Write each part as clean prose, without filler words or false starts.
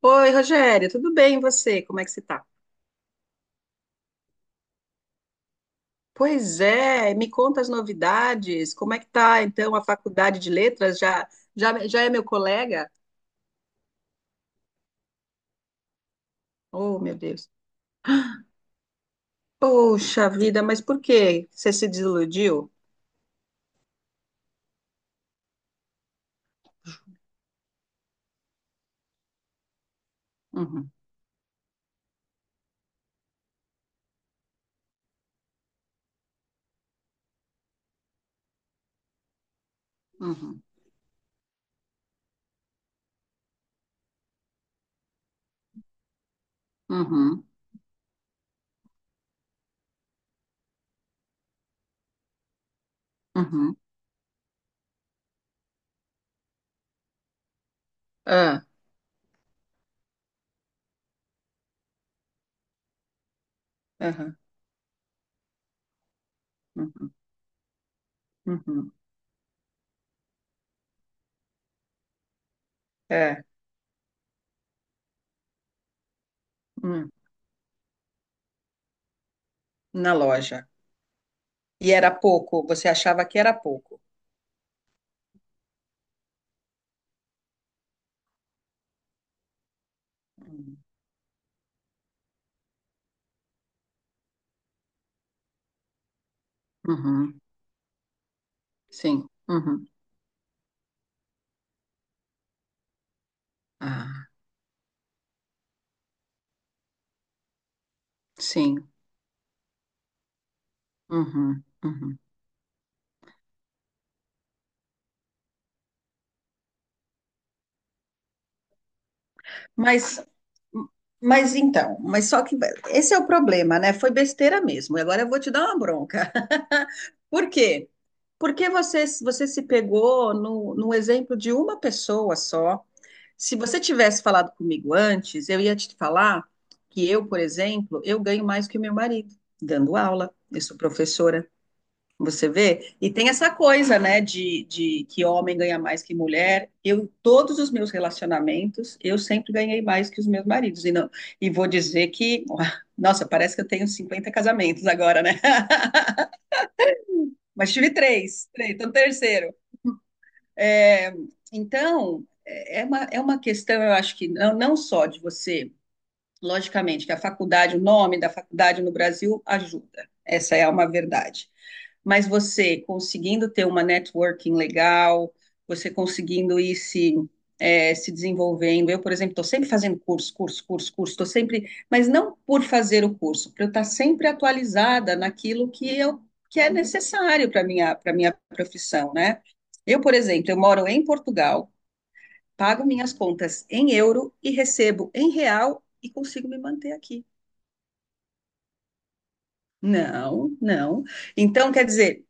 Oi, Rogério, tudo bem e você? Como é que você tá? Pois é, me conta as novidades. Como é que tá então a faculdade de letras? Já é meu colega? Oh, meu Deus. Poxa vida, mas por quê? Você se desiludiu? Uhum, uhum, uhum, uhum. Ah, aham, uhum, uhum. É, hum, na loja. E era pouco, você achava que era pouco. Uhum, uhum, sim. Uhum. Ah, sim. Uhum, uhum. Mas, mas só que esse é o problema, né? Foi besteira mesmo. E agora eu vou te dar uma bronca. Por quê? Porque você se pegou no exemplo de uma pessoa só. Se você tivesse falado comigo antes, eu ia te falar que eu, por exemplo, eu ganho mais que o meu marido, dando aula. Eu sou professora, você vê? E tem essa coisa, né, de que homem ganha mais que mulher. Eu, em todos os meus relacionamentos, eu sempre ganhei mais que os meus maridos. E, não, e vou dizer que, nossa, parece que eu tenho 50 casamentos agora, né? Mas tive três, três, então terceiro. É, então, é uma questão, eu acho que não, não só de você. Logicamente que a faculdade, o nome da faculdade no Brasil ajuda, essa é uma verdade. Mas você conseguindo ter uma networking legal, você conseguindo ir se, se desenvolvendo. Eu, por exemplo, estou sempre fazendo curso, curso, curso, curso, estou sempre, mas não por fazer o curso, para eu estar sempre atualizada naquilo que eu que é necessário para minha profissão, né? Eu, por exemplo, eu moro em Portugal, pago minhas contas em euro e recebo em real e consigo me manter aqui. Não, não. Então, quer dizer,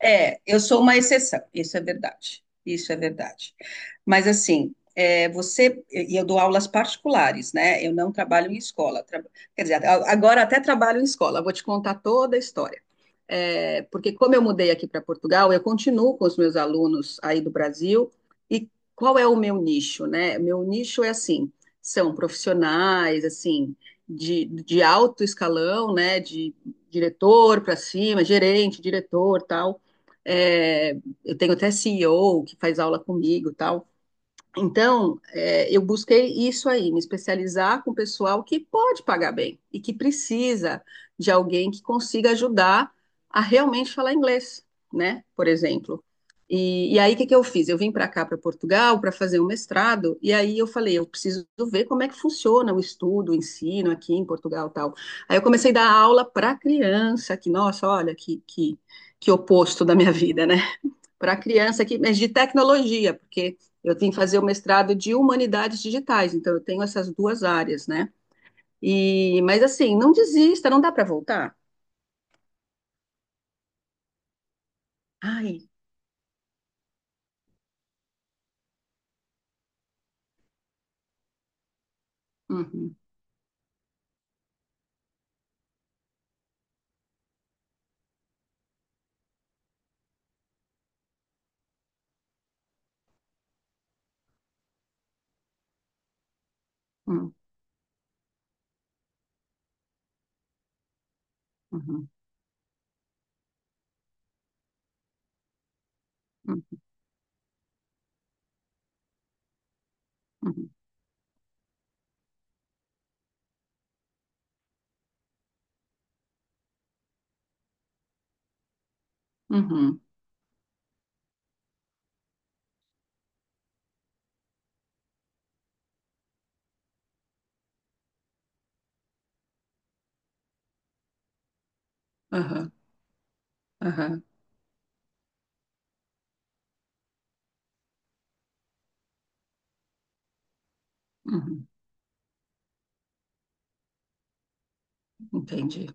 é, eu sou uma exceção. Isso é verdade. Isso é verdade. Mas assim, é, você e eu dou aulas particulares, né? Eu não trabalho em escola. Tra- Quer dizer, a- agora até trabalho em escola. Vou te contar toda a história. É, porque como eu mudei aqui para Portugal, eu continuo com os meus alunos aí do Brasil. E qual é o meu nicho, né? Meu nicho é assim, são profissionais, assim, de alto escalão, né? De diretor para cima, gerente, diretor, tal. É, eu tenho até CEO que faz aula comigo, tal. Então, é, eu busquei isso aí, me especializar com o pessoal que pode pagar bem e que precisa de alguém que consiga ajudar a realmente falar inglês, né? Por exemplo. E aí, o que, que eu fiz? Eu vim para cá, para Portugal, para fazer um mestrado, e aí eu falei, eu preciso ver como é que funciona o estudo, o ensino aqui em Portugal e tal. Aí eu comecei a dar aula para criança, que, nossa, olha, que oposto da minha vida, né? Para a criança aqui, mas de tecnologia, porque eu tenho que fazer o mestrado de humanidades digitais, então eu tenho essas duas áreas, né? E, mas assim, não desista, não dá para voltar. Ai, uhum, uhum, uhum, uhum, uhum, uhum, aham, uhum, uhum, entendi.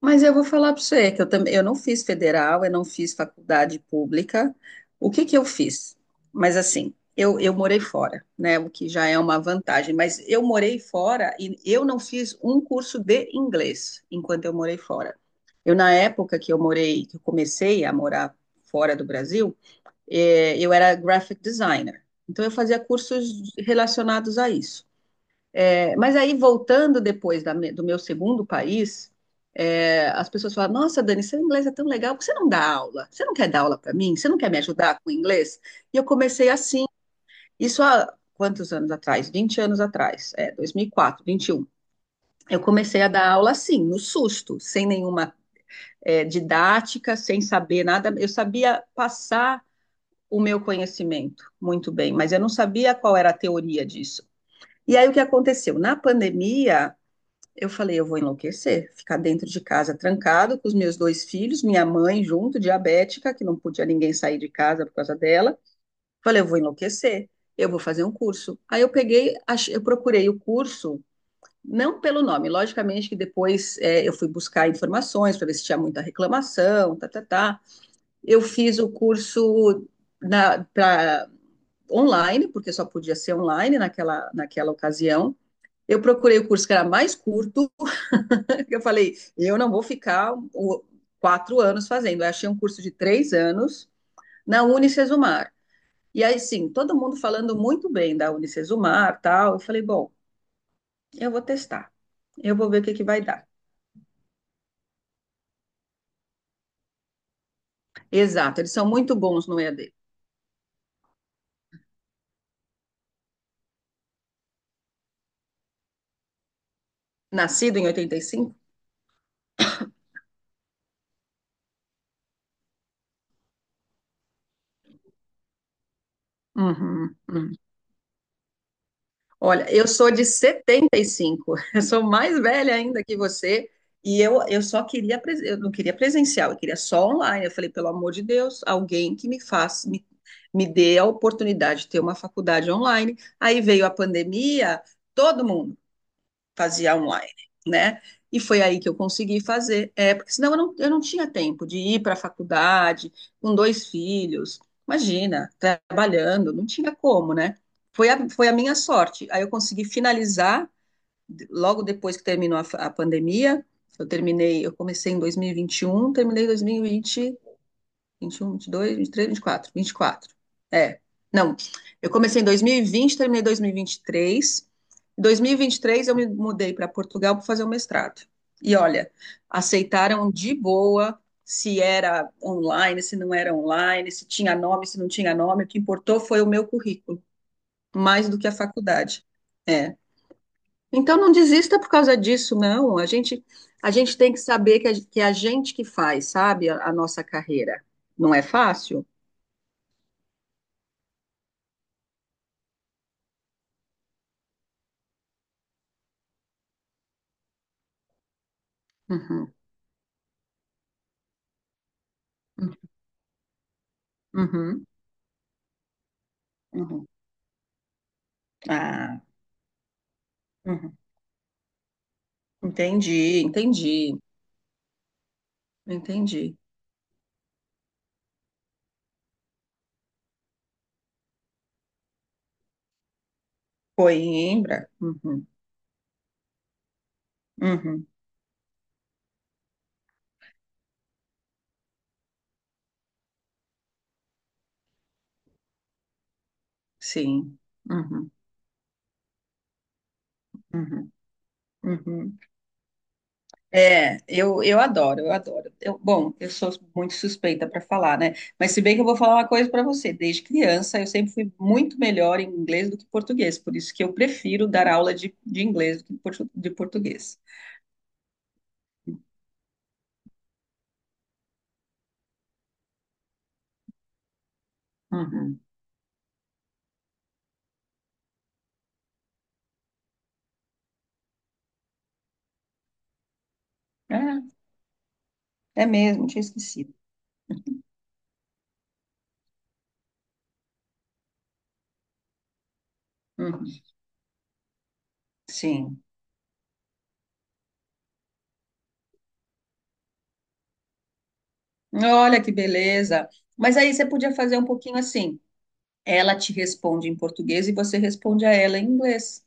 Mas eu vou falar para você que eu também eu não fiz federal, eu não fiz faculdade pública. O que que eu fiz? Mas assim, eu morei fora, né? O que já é uma vantagem, mas eu morei fora e eu não fiz um curso de inglês enquanto eu morei fora. Eu, na época que eu morei, que eu comecei a morar fora do Brasil, eu era graphic designer. Então eu fazia cursos relacionados a isso. É, mas aí, voltando depois da me- do meu segundo país, é, as pessoas falam: Nossa, Dani, seu inglês é tão legal, por que você não dá aula? Você não quer dar aula para mim? Você não quer me ajudar com o inglês? E eu comecei assim, isso há quantos anos atrás? 20 anos atrás, é, 2004, 21. Eu comecei a dar aula assim, no susto, sem nenhuma, é, didática, sem saber nada. Eu sabia passar o meu conhecimento muito bem, mas eu não sabia qual era a teoria disso. E aí, o que aconteceu? Na pandemia, eu falei, eu vou enlouquecer, ficar dentro de casa trancado com os meus dois filhos, minha mãe junto, diabética, que não podia ninguém sair de casa por causa dela. Falei, eu vou enlouquecer, eu vou fazer um curso. Aí eu peguei, ach- eu procurei o curso, não pelo nome, logicamente que depois é, eu fui buscar informações para ver se tinha muita reclamação, tá, tá, tá. Eu fiz o curso na, pra- online, porque só podia ser online naquela ocasião. Eu procurei o curso que era mais curto, eu falei, eu não vou ficar um, o- quatro anos fazendo. Eu achei um curso de três anos na Unicesumar. E aí, sim, todo mundo falando muito bem da Unicesumar, tal. Eu falei, bom, eu vou testar. Eu vou ver o que que vai dar. Exato, eles são muito bons no EAD. Nascido em 85? Uhum, uhum. Olha, eu sou de 75, eu sou mais velha ainda que você, e eu só queria, pres- eu não queria presencial, eu queria só online. Eu falei, pelo amor de Deus, alguém que me faça, me dê a oportunidade de ter uma faculdade online. Aí veio a pandemia, todo mundo fazia online, né? E foi aí que eu consegui fazer, é, porque senão eu não tinha tempo de ir para a faculdade com dois filhos, imagina, trabalhando, não tinha como, né? Foi a, foi a minha sorte. Aí eu consegui finalizar, de- logo depois que terminou a, fa- a pandemia, eu terminei, eu comecei em dois mil e vinte e um, terminei em 2020 um 21, quatro vinte e quatro. É. Não, eu comecei em 2020 terminei em 2023. Em 2023 eu me mudei para Portugal para fazer o mestrado. E olha, aceitaram de boa se era online, se não era online, se tinha nome, se não tinha nome. O que importou foi o meu currículo, mais do que a faculdade. É. Então não desista por causa disso, não. A gente tem que saber que a, que é a gente que faz, sabe, a nossa carreira. Não é fácil? Uhum, uhum, uhum, uhum. Ah, uhum. Entendi, entendi, entendi. Coimbra? Uhum, uhum, sim. Uhum, uhum, uhum. É, eu adoro, eu adoro. Eu, bom, eu sou muito suspeita para falar, né? Mas se bem que eu vou falar uma coisa para você. Desde criança, eu sempre fui muito melhor em inglês do que português. Por isso que eu prefiro dar aula de inglês do que portu- de português. Uhum. É, é mesmo, tinha esquecido. Uhum, sim. Olha que beleza. Mas aí você podia fazer um pouquinho assim. Ela te responde em português e você responde a ela em inglês,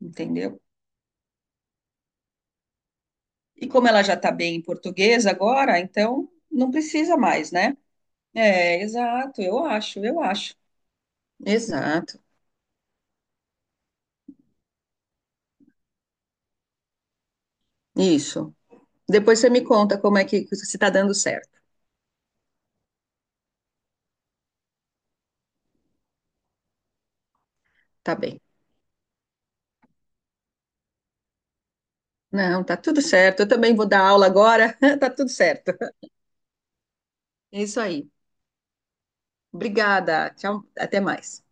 entendeu? E como ela já está bem em português agora, então não precisa mais, né? É, exato, eu acho, eu acho. Exato. Isso. Depois você me conta como é que se está dando certo. Tá bem. Não, tá tudo certo. Eu também vou dar aula agora. Tá tudo certo. É isso aí. Obrigada. Tchau. Até mais.